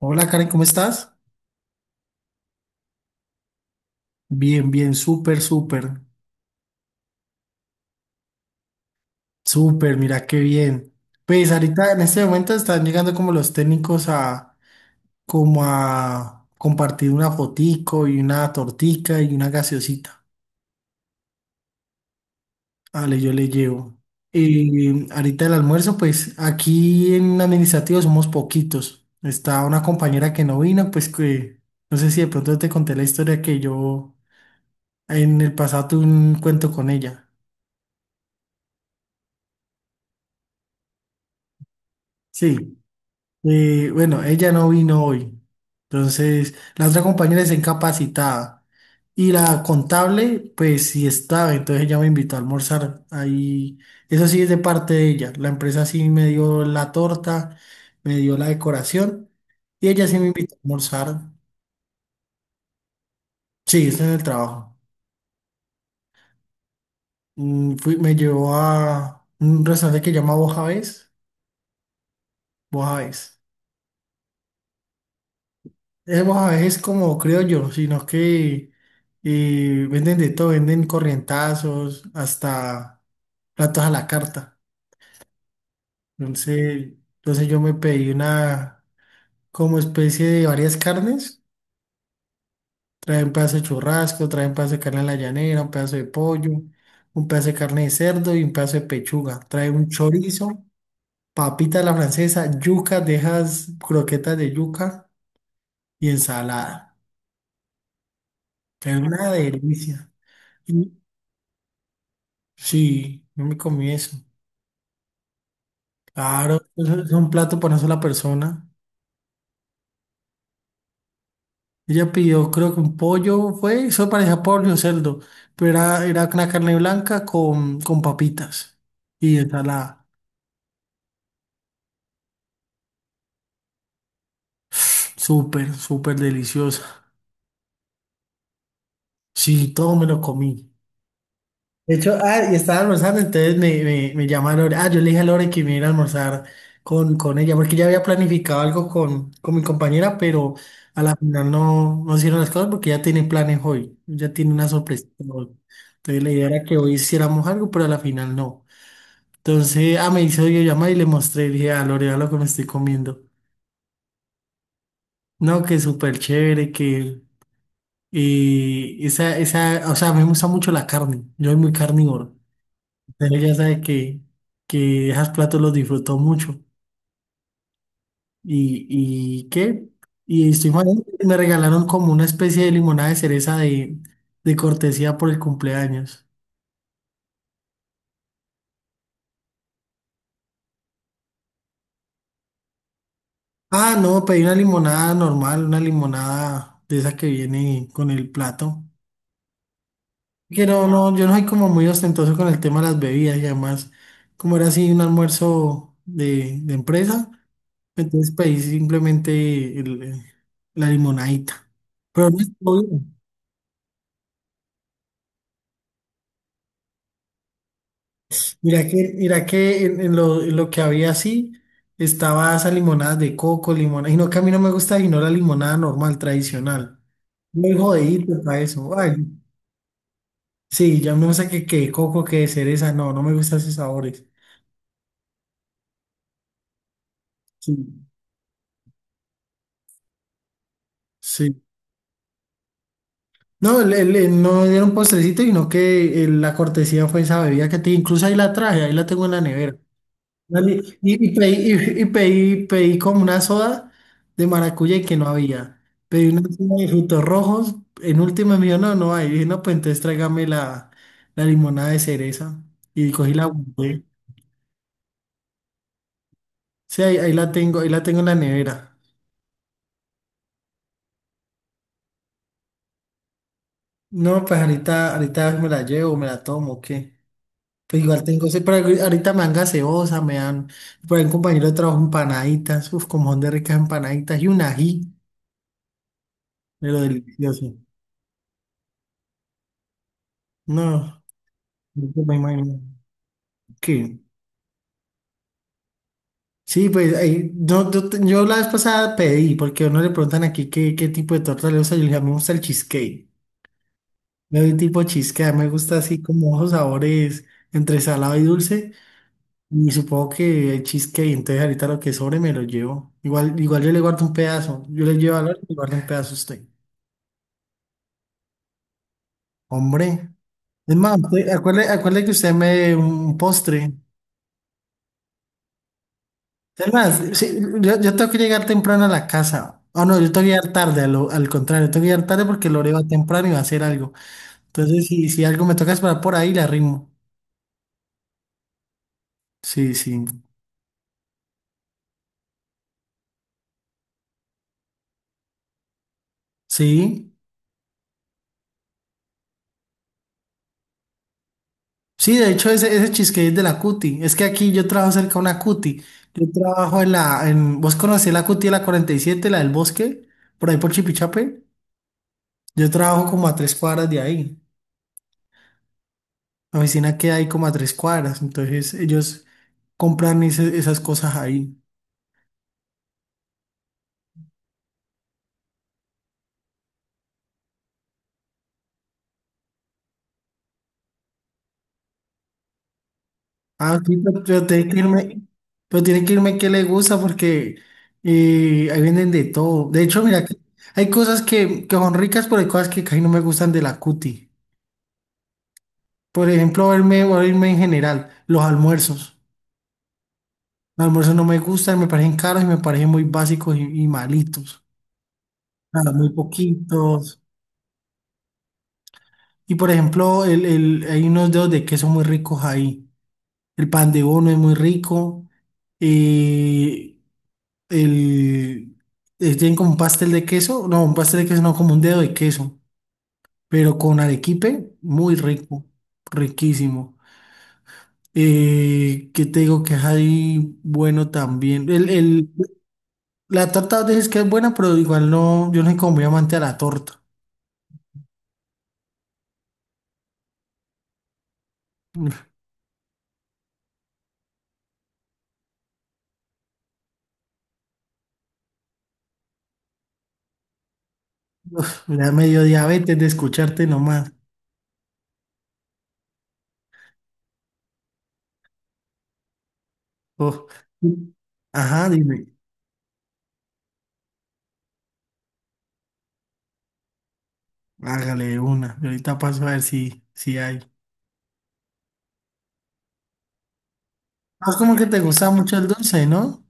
Hola Karen, ¿cómo estás? Bien, bien, súper, súper, súper, mira qué bien. Pues ahorita en este momento están llegando como los técnicos a compartir una fotico y una tortica y una gaseosita. Vale, yo le llevo. Y ahorita el almuerzo, pues aquí en administrativo somos poquitos. Está una compañera que no vino, pues que no sé si de pronto te conté la historia que yo en el pasado tuve un cuento con ella. Sí. Bueno, ella no vino hoy. Entonces, la otra compañera es incapacitada. Y la contable, pues sí estaba. Entonces ella me invitó a almorzar. Ahí, eso sí es de parte de ella. La empresa sí me dio la torta, me dio la decoración. Y ella sí me invitó a almorzar. Sí, está en el trabajo. Me llevó a un restaurante que se llama Bojavés. Bojavés. Vemos a veces como criollos, sino que venden de todo, venden corrientazos, hasta platos a la carta. Entonces, yo me pedí una como especie de varias carnes. Traen pedazo de churrasco, traen pedazo de carne a la llanera, un pedazo de pollo, un pedazo de carne de cerdo y un pedazo de pechuga. Trae un chorizo, papita a la francesa, yuca, dejas croquetas de yuca y ensalada. Es una delicia. Sí, yo me comí eso. Claro, eso es un plato para una sola persona. Ella pidió, creo que un pollo fue, eso parecía pollo o cerdo, pero era una carne blanca con papitas y ensalada. Súper, súper deliciosa. Sí, todo me lo comí. De hecho, ah, y estaba almorzando, entonces me llama Lore. Ah, yo le dije a Lore que me iba a almorzar con ella, porque ya había planificado algo con mi compañera, pero a la final no hicieron las cosas porque ya tiene planes hoy, ya tiene una sorpresa hoy. Entonces la idea era que hoy hiciéramos algo, pero a la final no. Entonces, ah, me hizo llamar y le mostré, le dije, ah, Lore, vea lo que me estoy comiendo. No, que súper chévere, que o sea, me gusta mucho la carne, yo soy muy carnívoro. Pero ella sabe que esos platos los disfrutó mucho. ¿Y qué? Y estoy mal, me regalaron como una especie de limonada de cereza de cortesía por el cumpleaños. Ah, no, pedí una limonada normal, una limonada de esa que viene con el plato. Que no, no, yo no soy como muy ostentoso con el tema de las bebidas y además, como era así un almuerzo de empresa, entonces pedí simplemente la limonadita. Pero no estuvo bien. Mira que en lo que había así, estaba esa limonada de coco, limonada, y no que a mí no me gusta, sino la limonada normal, tradicional. Muy jodidito para eso. Ay, sí, ya no sé qué, qué coco, qué cereza, no me gustan esos sabores. Sí, sí. No, no me dieron postrecito, sino que la cortesía fue esa bebida que te, incluso ahí la traje, ahí la tengo en la nevera. Dale. Y pedí como una soda de maracuyá y que no había. Pedí una soda de frutos rojos. En última me dijo, no, no hay. Dije, no, pues entonces tráigame la, la limonada de cereza. Y cogí la guardé. Sí, ahí la tengo, ahí la tengo en la nevera. No, pues ahorita me la llevo, me la tomo, ¿qué? Pues igual tengo, sí, pero ahorita me dan gaseosa, por ahí un compañero de trabajo empanaditas, uf, como son de ricas empanaditas y un ají, pero delicioso. No, no me imagino. ¿Qué? Sí, pues ahí, yo la vez pasada pedí, porque a uno le preguntan aquí qué, qué tipo de torta le gusta, yo le dije, "A mí me gusta el cheesecake, me doy tipo cheesecake, me gusta así como los sabores entre salado y dulce, y supongo que el cheesecake, entonces ahorita lo que sobre me lo llevo, igual yo le guardo un pedazo, yo le llevo a Lore y le guardo un pedazo a usted, hombre, es más, acuérdate que usted me dé un postre, Es más, sí, yo tengo que llegar temprano a la casa. O no, yo tengo que llegar tarde, al contrario, tengo que llegar tarde porque Lore va temprano y va a hacer algo. Entonces, si algo me toca esperar por ahí, la rimo. Sí, sí. Sí. Sí, de hecho, ese cheesecake es de la Cuti. Es que aquí yo trabajo cerca de una Cuti. Yo trabajo en la. ¿Vos conocés la Cuti de la 47, la del bosque? Por ahí por Chipichape. Yo trabajo como a 3 cuadras de ahí. La oficina queda ahí como a 3 cuadras. Entonces, ellos compran esas cosas ahí. Ah, sí, pero tiene que irme, pero tiene que irme que le gusta porque ahí venden de todo. De hecho, mira, que hay cosas que son ricas, pero hay cosas que casi no me gustan de la cuti. Por ejemplo, verme, o irme en general, los almuerzos. Los almuerzos no me gustan, me parecen caros y me parecen muy básicos y malitos. Nada, muy poquitos. Y por ejemplo, hay unos dedos de queso muy ricos ahí. El pan de bono es muy rico. Eh, El, Tienen como un pastel de queso, no, un pastel de queso, no, como un dedo de queso, pero con arequipe, muy rico, riquísimo. ¿Qué te digo que hay bueno también? La torta dices que es buena, pero igual no, yo no soy como muy amante a la torta. Uf, uf, me da medio diabetes de escucharte nomás. Uf. Ajá, dime, hágale de una. Y ahorita paso a ver si, si hay. Ah, es como que te gusta mucho el dulce, ¿no?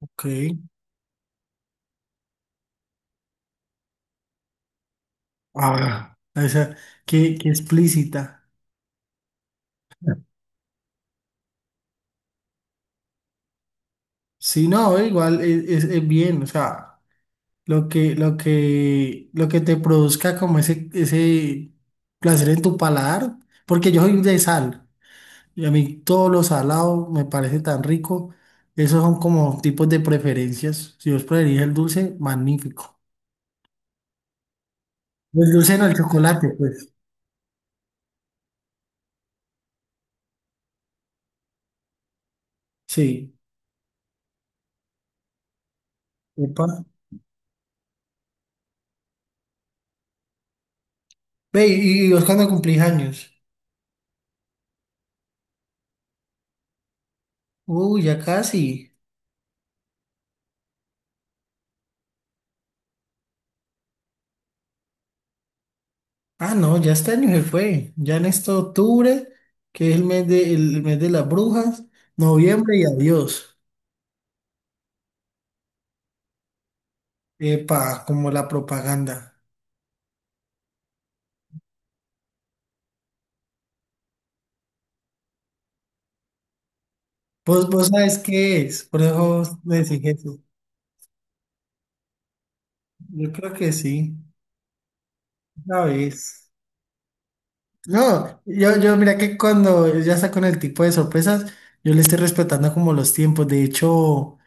Ok. Ah, qué, qué explícita. Sí, no, igual es bien, o sea, lo que te produzca como ese placer en tu paladar, porque yo soy de sal, y a mí todo lo salado me parece tan rico, esos son como tipos de preferencias. Si vos preferís el dulce, magnífico. El dulce no, el chocolate, pues. Sí. Epa. Ve, y vos cuando cumplís años. Uy, ya casi. Ah, no, ya este año se fue. Ya en este octubre, que es el mes de las brujas, noviembre y adiós. Epa, como la propaganda. Vos sabés qué es, por eso me decís eso. Yo creo que sí, una vez. No, yo mira que cuando ya está con el tipo de sorpresas, yo le estoy respetando como los tiempos. De hecho,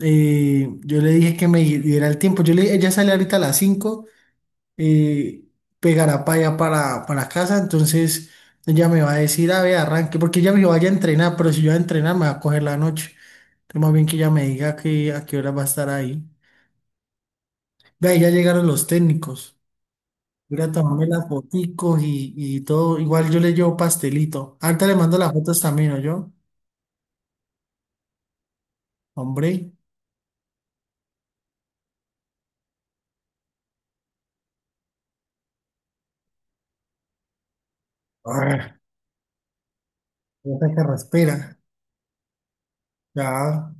yo le dije que me diera el tiempo. Ella sale ahorita a las 5. eh, Pegará para allá, para casa, entonces ella me va a decir, a ver, arranque, porque ella me dijo, vaya a entrenar, pero si yo voy a entrenar me va a coger la noche. Entonces más bien que ella me diga que, a qué hora va a estar ahí. Ve, ahí ya llegaron los técnicos. Voy a tomarme las foticos y todo. Igual yo le llevo pastelito. Ahorita le mando las fotos también, ¿o yo? Hombre. Ah. Esa carraspera. Ya.